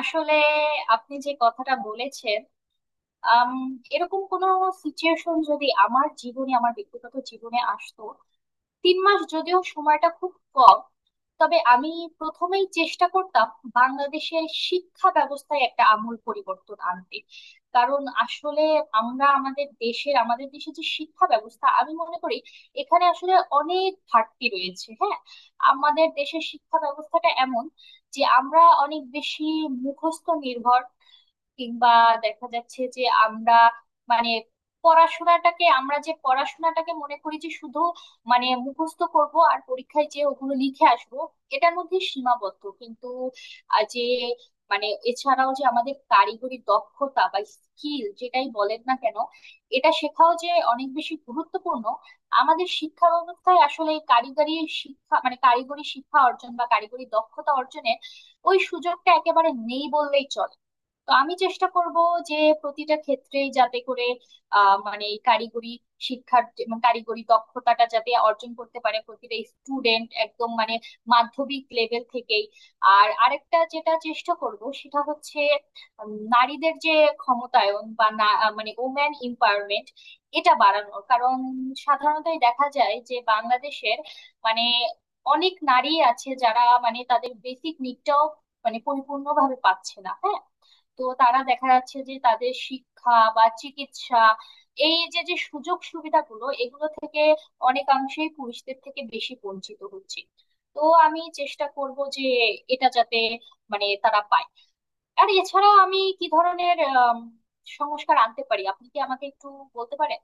আসলে আপনি যে কথাটা বলেছেন, আম, এরকম কোনো সিচুয়েশন যদি আমার জীবনে আমার ব্যক্তিগত জীবনে আসতো, 3 মাস যদিও সময়টা খুব কম, তবে আমি প্রথমেই চেষ্টা করতাম বাংলাদেশের শিক্ষা ব্যবস্থায় একটা আমূল পরিবর্তন আনতে। কারণ আসলে আমরা আমাদের দেশের আমাদের দেশে যে শিক্ষা ব্যবস্থা আমি মনে করি এখানে আসলে অনেক ঘাটতি রয়েছে। হ্যাঁ, আমাদের দেশের শিক্ষা ব্যবস্থাটা এমন যে আমরা অনেক বেশি মুখস্থ নির্ভর, কিংবা দেখা যাচ্ছে যে আমরা মানে পড়াশোনাটাকে আমরা যে পড়াশোনাটাকে মনে করি যে শুধু মানে মুখস্থ করব আর পরীক্ষায় যে ওগুলো লিখে আসবো, এটার মধ্যে সীমাবদ্ধ। কিন্তু আহ, যে মানে এছাড়াও যে আমাদের কারিগরি দক্ষতা বা স্কিল যেটাই বলেন না কেন, এটা শেখাও যে অনেক বেশি গুরুত্বপূর্ণ। আমাদের শিক্ষা ব্যবস্থায় আসলে এই কারিগরি শিক্ষা মানে কারিগরি শিক্ষা অর্জন বা কারিগরি দক্ষতা অর্জনের ওই সুযোগটা একেবারে নেই বললেই চলে। তো আমি চেষ্টা করব যে প্রতিটা ক্ষেত্রেই যাতে করে মানে এই কারিগরি মানে কারিগরি দক্ষতাটা যাতে অর্জন করতে পারে প্রতিটা স্টুডেন্ট, একদম মানে মাধ্যমিক লেভেল থেকেই। আর আরেকটা যেটা চেষ্টা করব সেটা হচ্ছে নারীদের যে ক্ষমতায়ন বা না মানে ওম্যান এম্পাওয়ারমেন্ট, এটা বাড়ানোর কারণ সাধারণতই দেখা যায় যে বাংলাদেশের মানে অনেক নারী আছে যারা মানে তাদের বেসিক নিডটাও মানে পরিপূর্ণভাবে পাচ্ছে না। হ্যাঁ, তো তারা দেখা যাচ্ছে যে তাদের শিক্ষা বা চিকিৎসা, এই যে যে সুযোগ সুবিধাগুলো, এগুলো থেকে অনেকাংশেই পুরুষদের থেকে বেশি বঞ্চিত হচ্ছে। তো আমি চেষ্টা করব যে এটা যাতে মানে তারা পায়। আর এছাড়া আমি কি ধরনের সংস্কার আনতে পারি, আপনি কি আমাকে একটু বলতে পারেন?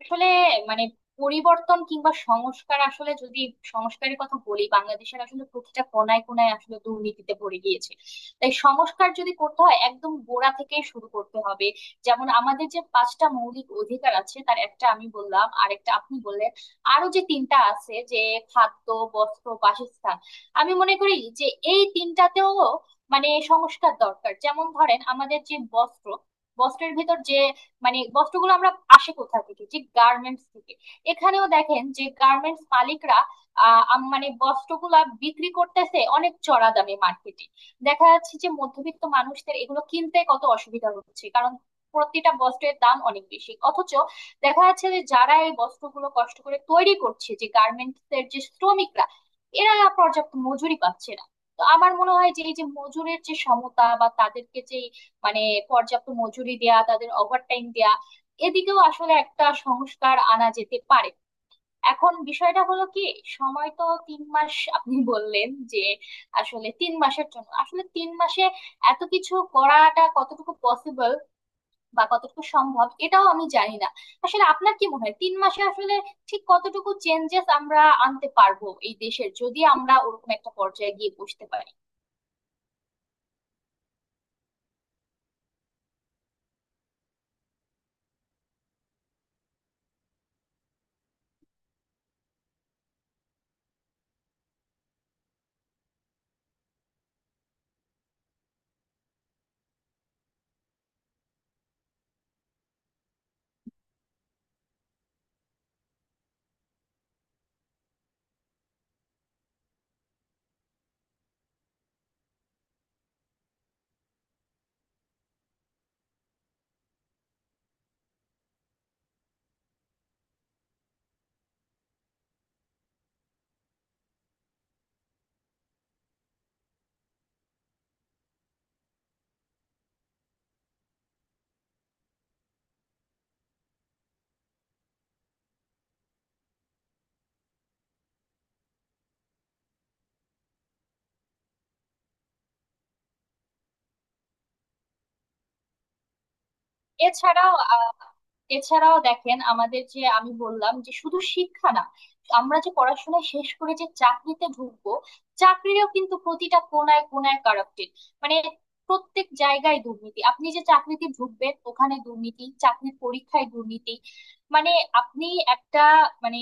আসলে মানে পরিবর্তন কিংবা সংস্কার, আসলে যদি সংস্কারের কথা বলি, বাংলাদেশের আসলে প্রতিটা কোনায় কোনায় আসলে দুর্নীতিতে ভরে গিয়েছে। তাই সংস্কার যদি করতে হয় একদম গোড়া থেকে শুরু করতে হবে। যেমন আমাদের যে 5টা মৌলিক অধিকার আছে তার একটা আমি বললাম, আরেকটা আপনি বললেন। আরো যে 3টা আছে, যে খাদ্য, বস্ত্র, বাসস্থান, আমি মনে করি যে এই 3টাতেও মানে সংস্কার দরকার। যেমন ধরেন আমাদের যে বস্ত্র, বস্ত্রের ভিতর যে মানে বস্ত্রগুলো আমরা আসে কোথা থেকে, যে গার্মেন্টস থেকে। এখানেও দেখেন যে গার্মেন্টস মালিকরা মানে বস্ত্রগুলা বিক্রি করতেছে অনেক চড়া দামে মার্কেটে। দেখা যাচ্ছে যে মধ্যবিত্ত মানুষদের এগুলো কিনতে কত অসুবিধা হচ্ছে, কারণ প্রতিটা বস্ত্রের দাম অনেক বেশি। অথচ দেখা যাচ্ছে যে যারা এই বস্ত্রগুলো কষ্ট করে তৈরি করছে, যে গার্মেন্টস এর যে শ্রমিকরা, এরা পর্যাপ্ত মজুরি পাচ্ছে না। তো আমার মনে হয় যে এই যে মজুরির যে সমতা বা তাদেরকে যে মানে পর্যাপ্ত মজুরি দেয়া, তাদের ওভারটাইম দেয়া, এদিকেও আসলে একটা সংস্কার আনা যেতে পারে। এখন বিষয়টা হলো কি, সময় তো 3 মাস আপনি বললেন যে, আসলে 3 মাসের জন্য আসলে 3 মাসে এত কিছু করাটা কতটুকু পসিবল বা কতটুকু সম্ভব, এটাও আমি জানি না। আসলে আপনার কি মনে হয় 3 মাসে আসলে ঠিক কতটুকু চেঞ্জেস আমরা আনতে পারবো এই দেশের, যদি আমরা ওরকম একটা পর্যায়ে গিয়ে বসতে পারি? এছাড়াও আহ, এছাড়াও দেখেন আমাদের যে আমি বললাম যে শুধু শিক্ষা না, আমরা যে পড়াশোনা শেষ করে যে চাকরিতে ঢুকবো, চাকরিরও কিন্তু প্রতিটা কোনায় কোনায় কারাপ্টেড। মানে প্রত্যেক জায়গায় দুর্নীতি, আপনি যে চাকরিতে ঢুকবেন ওখানে দুর্নীতি, চাকরির পরীক্ষায় দুর্নীতি। মানে আপনি একটা মানে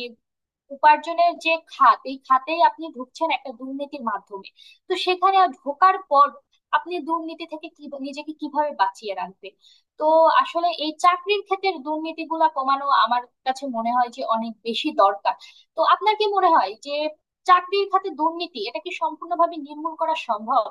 উপার্জনের যে খাত, এই খাতেই আপনি ঢুকছেন একটা দুর্নীতির মাধ্যমে। তো সেখানে ঢোকার পর আপনি দুর্নীতি থেকে কি নিজেকে কিভাবে বাঁচিয়ে রাখবেন? তো আসলে এই চাকরির ক্ষেত্রে দুর্নীতিগুলা কমানো আমার কাছে মনে হয় যে অনেক বেশি দরকার। তো আপনার কি মনে হয় যে চাকরির খাতে দুর্নীতি, এটা কি সম্পূর্ণভাবে নির্মূল করা সম্ভব?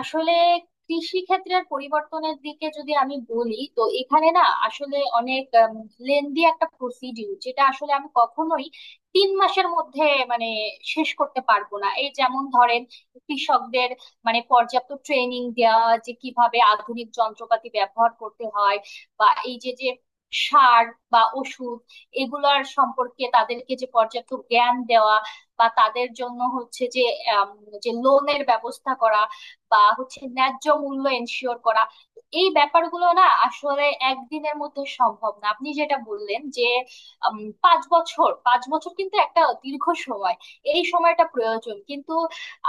আসলে কৃষি ক্ষেত্রের পরিবর্তনের দিকে যদি আমি বলি, তো এখানে না আসলে অনেক লেন্দি একটা প্রসিডিউর, যেটা আসলে আমি কখনোই 3 মাসের মধ্যে মানে শেষ করতে পারবো না। এই যেমন ধরেন কৃষকদের মানে পর্যাপ্ত ট্রেনিং দেওয়া যে কিভাবে আধুনিক যন্ত্রপাতি ব্যবহার করতে হয়, বা এই যে যে সার বা ওষুধ, এগুলার সম্পর্কে তাদেরকে যে পর্যাপ্ত জ্ঞান দেওয়া, বা তাদের জন্য হচ্ছে যে আম, যে লোনের ব্যবস্থা করা, বা হচ্ছে ন্যায্য মূল্য এনশিওর করা, এই ব্যাপারগুলো না আসলে একদিনের মধ্যে সম্ভব না। আপনি যেটা বললেন যে উম, 5 বছর, 5 বছর কিন্তু একটা দীর্ঘ সময়, এই সময়টা প্রয়োজন। কিন্তু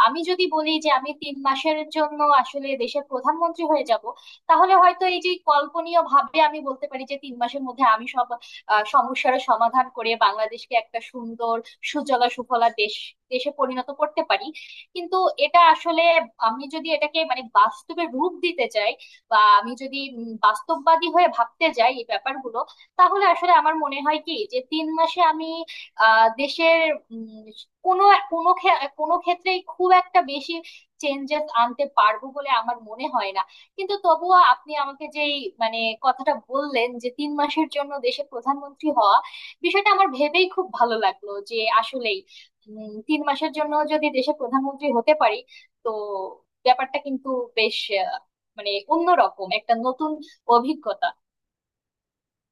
আমি যদি বলি যে আমি 3 মাসের জন্য আসলে দেশের প্রধানমন্ত্রী হয়ে যাব, তাহলে হয়তো এই যে কল্পনীয় ভাবে আমি বলতে পারি যে 3 মাসের মধ্যে আমি সব সমস্যার সমাধান করে বাংলাদেশকে একটা সুন্দর সুজলা সুফলা দেশে পরিণত করতে পারি। কিন্তু এটা আসলে, আমি যদি এটাকে মানে বাস্তবে রূপ দিতে চাই বা আমি যদি বাস্তববাদী হয়ে ভাবতে যাই এই ব্যাপারগুলো, তাহলে আসলে আমার মনে হয় কি যে 3 মাসে আমি দেশের উম, কোনো কোনো ক্ষে- কোনো ক্ষেত্রেই খুব একটা বেশি চেঞ্জেস আনতে পারবো বলে আমার মনে হয় না। কিন্তু তবুও আপনি আমাকে যেই মানে কথাটা বললেন যে 3 মাসের জন্য দেশের প্রধানমন্ত্রী হওয়া, বিষয়টা আমার ভেবেই খুব ভালো লাগলো। যে আসলে 3 মাসের জন্য যদি দেশের প্রধানমন্ত্রী হতে পারি, তো ব্যাপারটা কিন্তু বেশ আহ, মানে অন্যরকম একটা নতুন অভিজ্ঞতা।